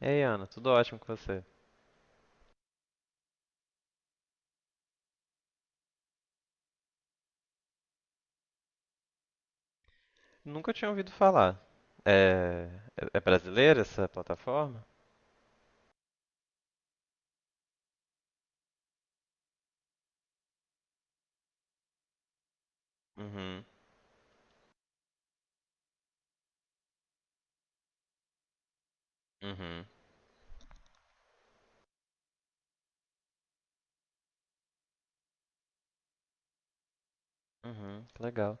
Ei, Ana, tudo ótimo com você? Nunca tinha ouvido falar. É, é brasileira essa plataforma? Uhum, uhum, uhum, que legal.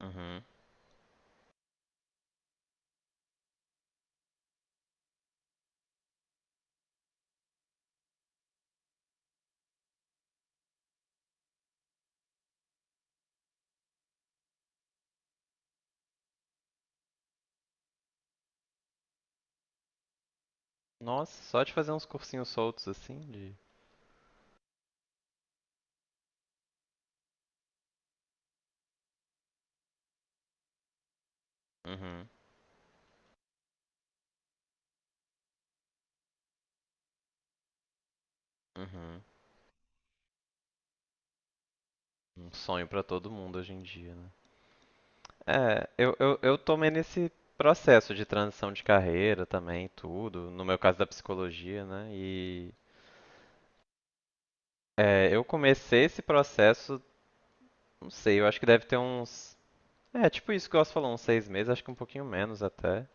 Uhum. Nossa, só de fazer uns cursinhos soltos assim de. Uhum, uhum. Um sonho pra todo mundo hoje em dia, né? É, eu tomei nesse processo de transição de carreira também, tudo, no meu caso da psicologia, né? E eu comecei esse processo, não sei, eu acho que deve ter uns tipo isso que eu falou, uns 6 meses, acho que um pouquinho menos até.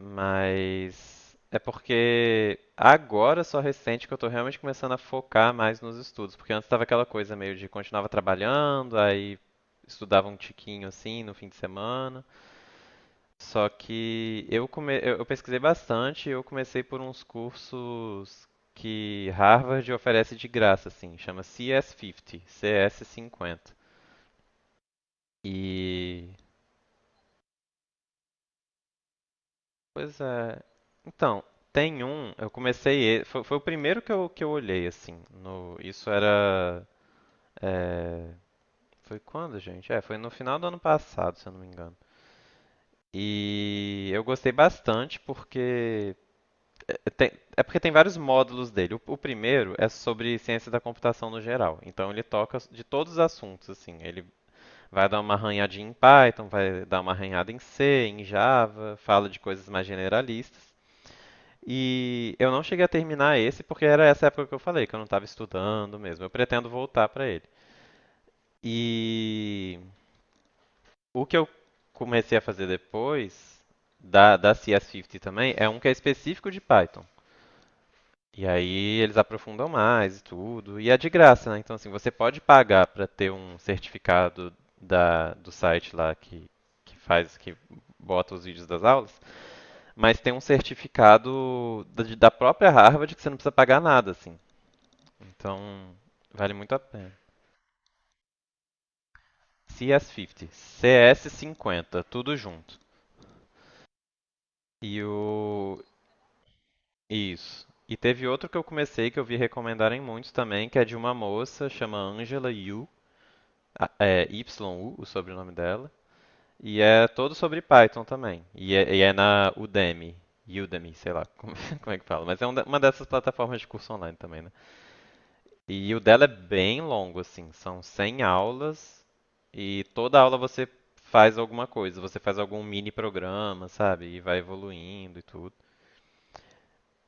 Mas é porque agora só recente que eu tô realmente começando a focar mais nos estudos, porque antes tava aquela coisa meio de continuava trabalhando, aí estudava um tiquinho assim no fim de semana. Só que eu pesquisei bastante, e eu comecei por uns cursos que Harvard oferece de graça assim, chama CS50, CS50. E Pois é. Então, tem um, eu comecei, foi o primeiro que eu olhei assim, no, isso era, é, foi quando, gente? É, foi no final do ano passado, se eu não me engano. E eu gostei bastante porque é, é, tem- é porque tem vários módulos dele. O primeiro é sobre ciência da computação no geral. Então ele toca de todos os assuntos, assim. Ele vai dar uma arranhadinha em Python, vai dar uma arranhada em C, em Java, fala de coisas mais generalistas. E eu não cheguei a terminar esse porque era essa época que eu falei, que eu não estava estudando mesmo. Eu pretendo voltar para ele. E o que eu comecei a fazer depois da CS50 também é um que é específico de Python. E aí eles aprofundam mais e tudo. E é de graça, né? Então, assim, você pode pagar para ter um certificado da, do site lá que faz, que bota os vídeos das aulas, mas tem um certificado da própria Harvard que você não precisa pagar nada, assim. Então, vale muito a pena. CS50, CS50, tudo junto. E o. Isso. E teve outro que eu comecei que eu vi recomendarem muitos também, que é de uma moça, chama Angela Yu, é Yu, o sobrenome dela. E é todo sobre Python também. E é na Udemy. Udemy, sei lá como, como é que fala. Mas é uma dessas plataformas de curso online também, né? E o dela é bem longo, assim, são 100 aulas e toda aula você faz alguma coisa, você faz algum mini programa, sabe? E vai evoluindo e tudo.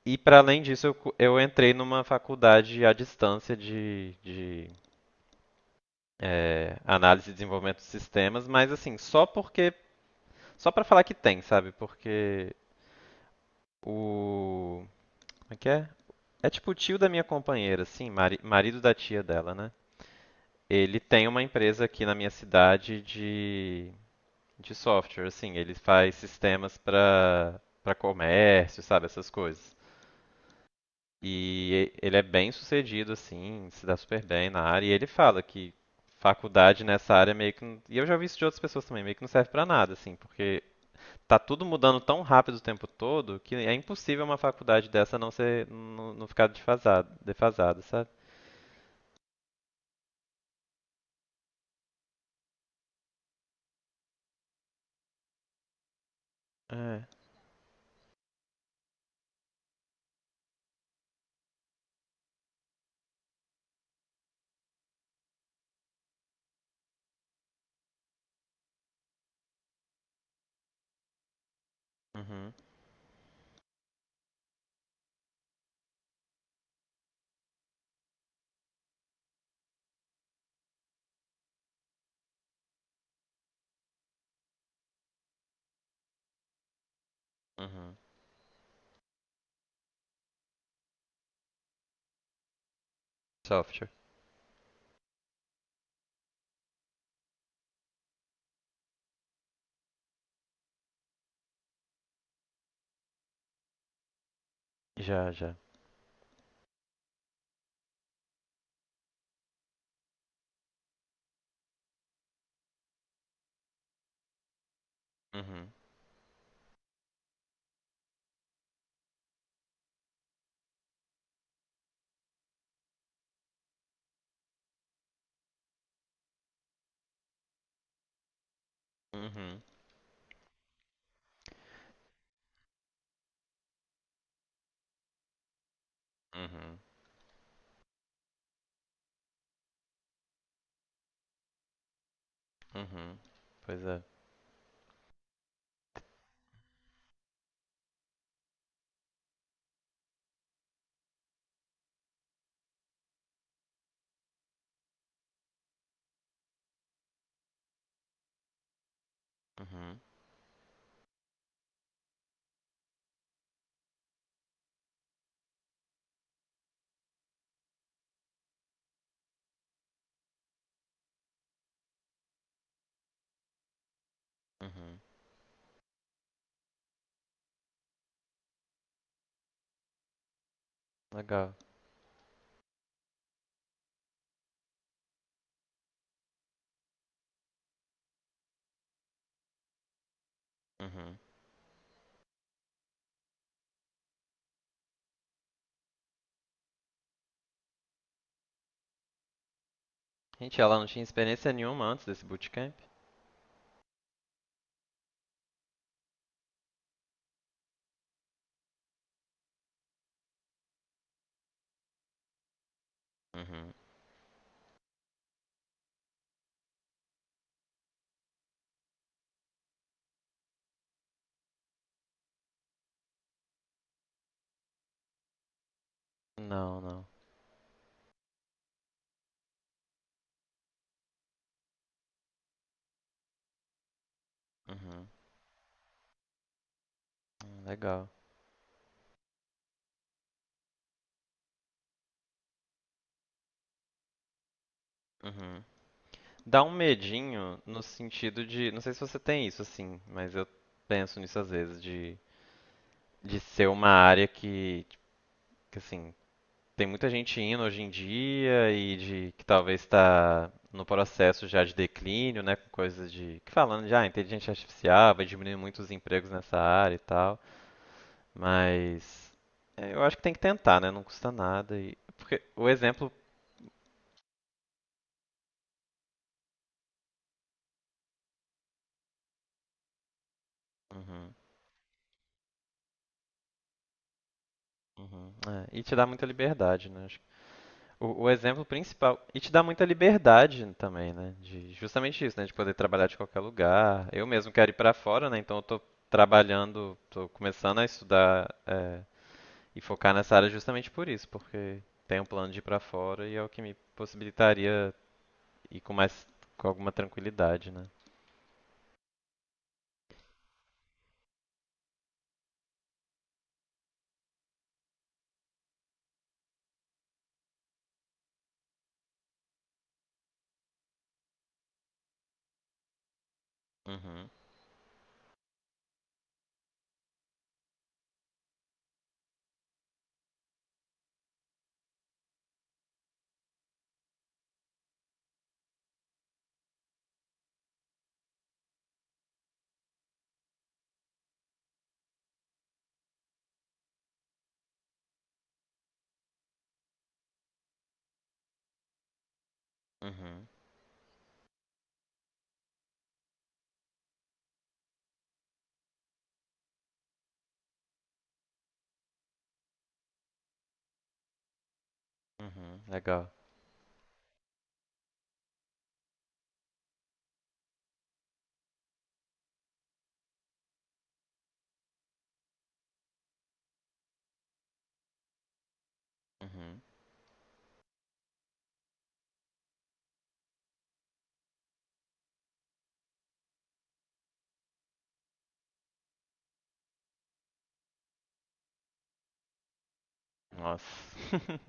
E para além disso, eu entrei numa faculdade à distância de análise e desenvolvimento de sistemas, mas assim, só para falar que tem, sabe? Porque o, como é que é? É tipo o tio da minha companheira, assim, marido da tia dela, né? Ele tem uma empresa aqui na minha cidade de software, assim, ele faz sistemas para comércio, sabe, essas coisas. E ele é bem sucedido, assim, se dá super bem na área. E ele fala que faculdade nessa área meio que. E eu já vi isso de outras pessoas também, meio que não serve pra nada, assim, porque tá tudo mudando tão rápido o tempo todo que é impossível uma faculdade dessa não ser, não ficar defasada, defasada, sabe? É. Uhum. Uhum. Software. Já, já. Uhum. Uhum, uhum, uhum. Pois é. Uhum, uhum. Legal. Uhum. Gente, ela não tinha experiência nenhuma antes desse bootcamp? Uhum. Não, não. Uhum. Legal. Uhum. Dá um medinho no sentido de, não sei se você tem isso assim, mas eu penso nisso às vezes de ser uma área que assim, tem muita gente indo hoje em dia e de que talvez está no processo já de declínio, né, com coisas de que falando de inteligência artificial vai diminuir muito os empregos nessa área e tal, mas eu acho que tem que tentar, né? Não custa nada e porque o exemplo. Uhum, uhum, é, e te dá muita liberdade, né? O exemplo principal. E te dá muita liberdade também, né? De, justamente isso, né? De poder trabalhar de qualquer lugar. Eu mesmo quero ir para fora, né? Então eu tô trabalhando, tô começando a estudar e focar nessa área justamente por isso, porque tenho um plano de ir para fora e é o que me possibilitaria ir com alguma tranquilidade, né? Uhum, uhum, uhum. Legal. Uhum. Nossa.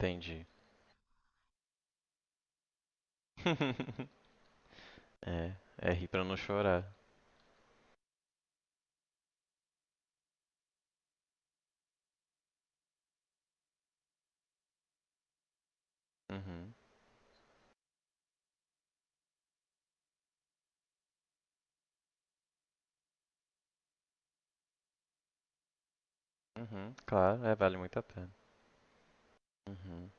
Entendi. É rir pra não chorar. Uhum. Uhum, claro, vale muito a pena. Uhum.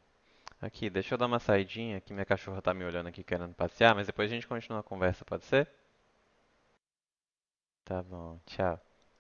Aqui, deixa eu dar uma saidinha, que minha cachorra tá me olhando aqui querendo passear, mas depois a gente continua a conversa, pode ser? Tá bom, tchau.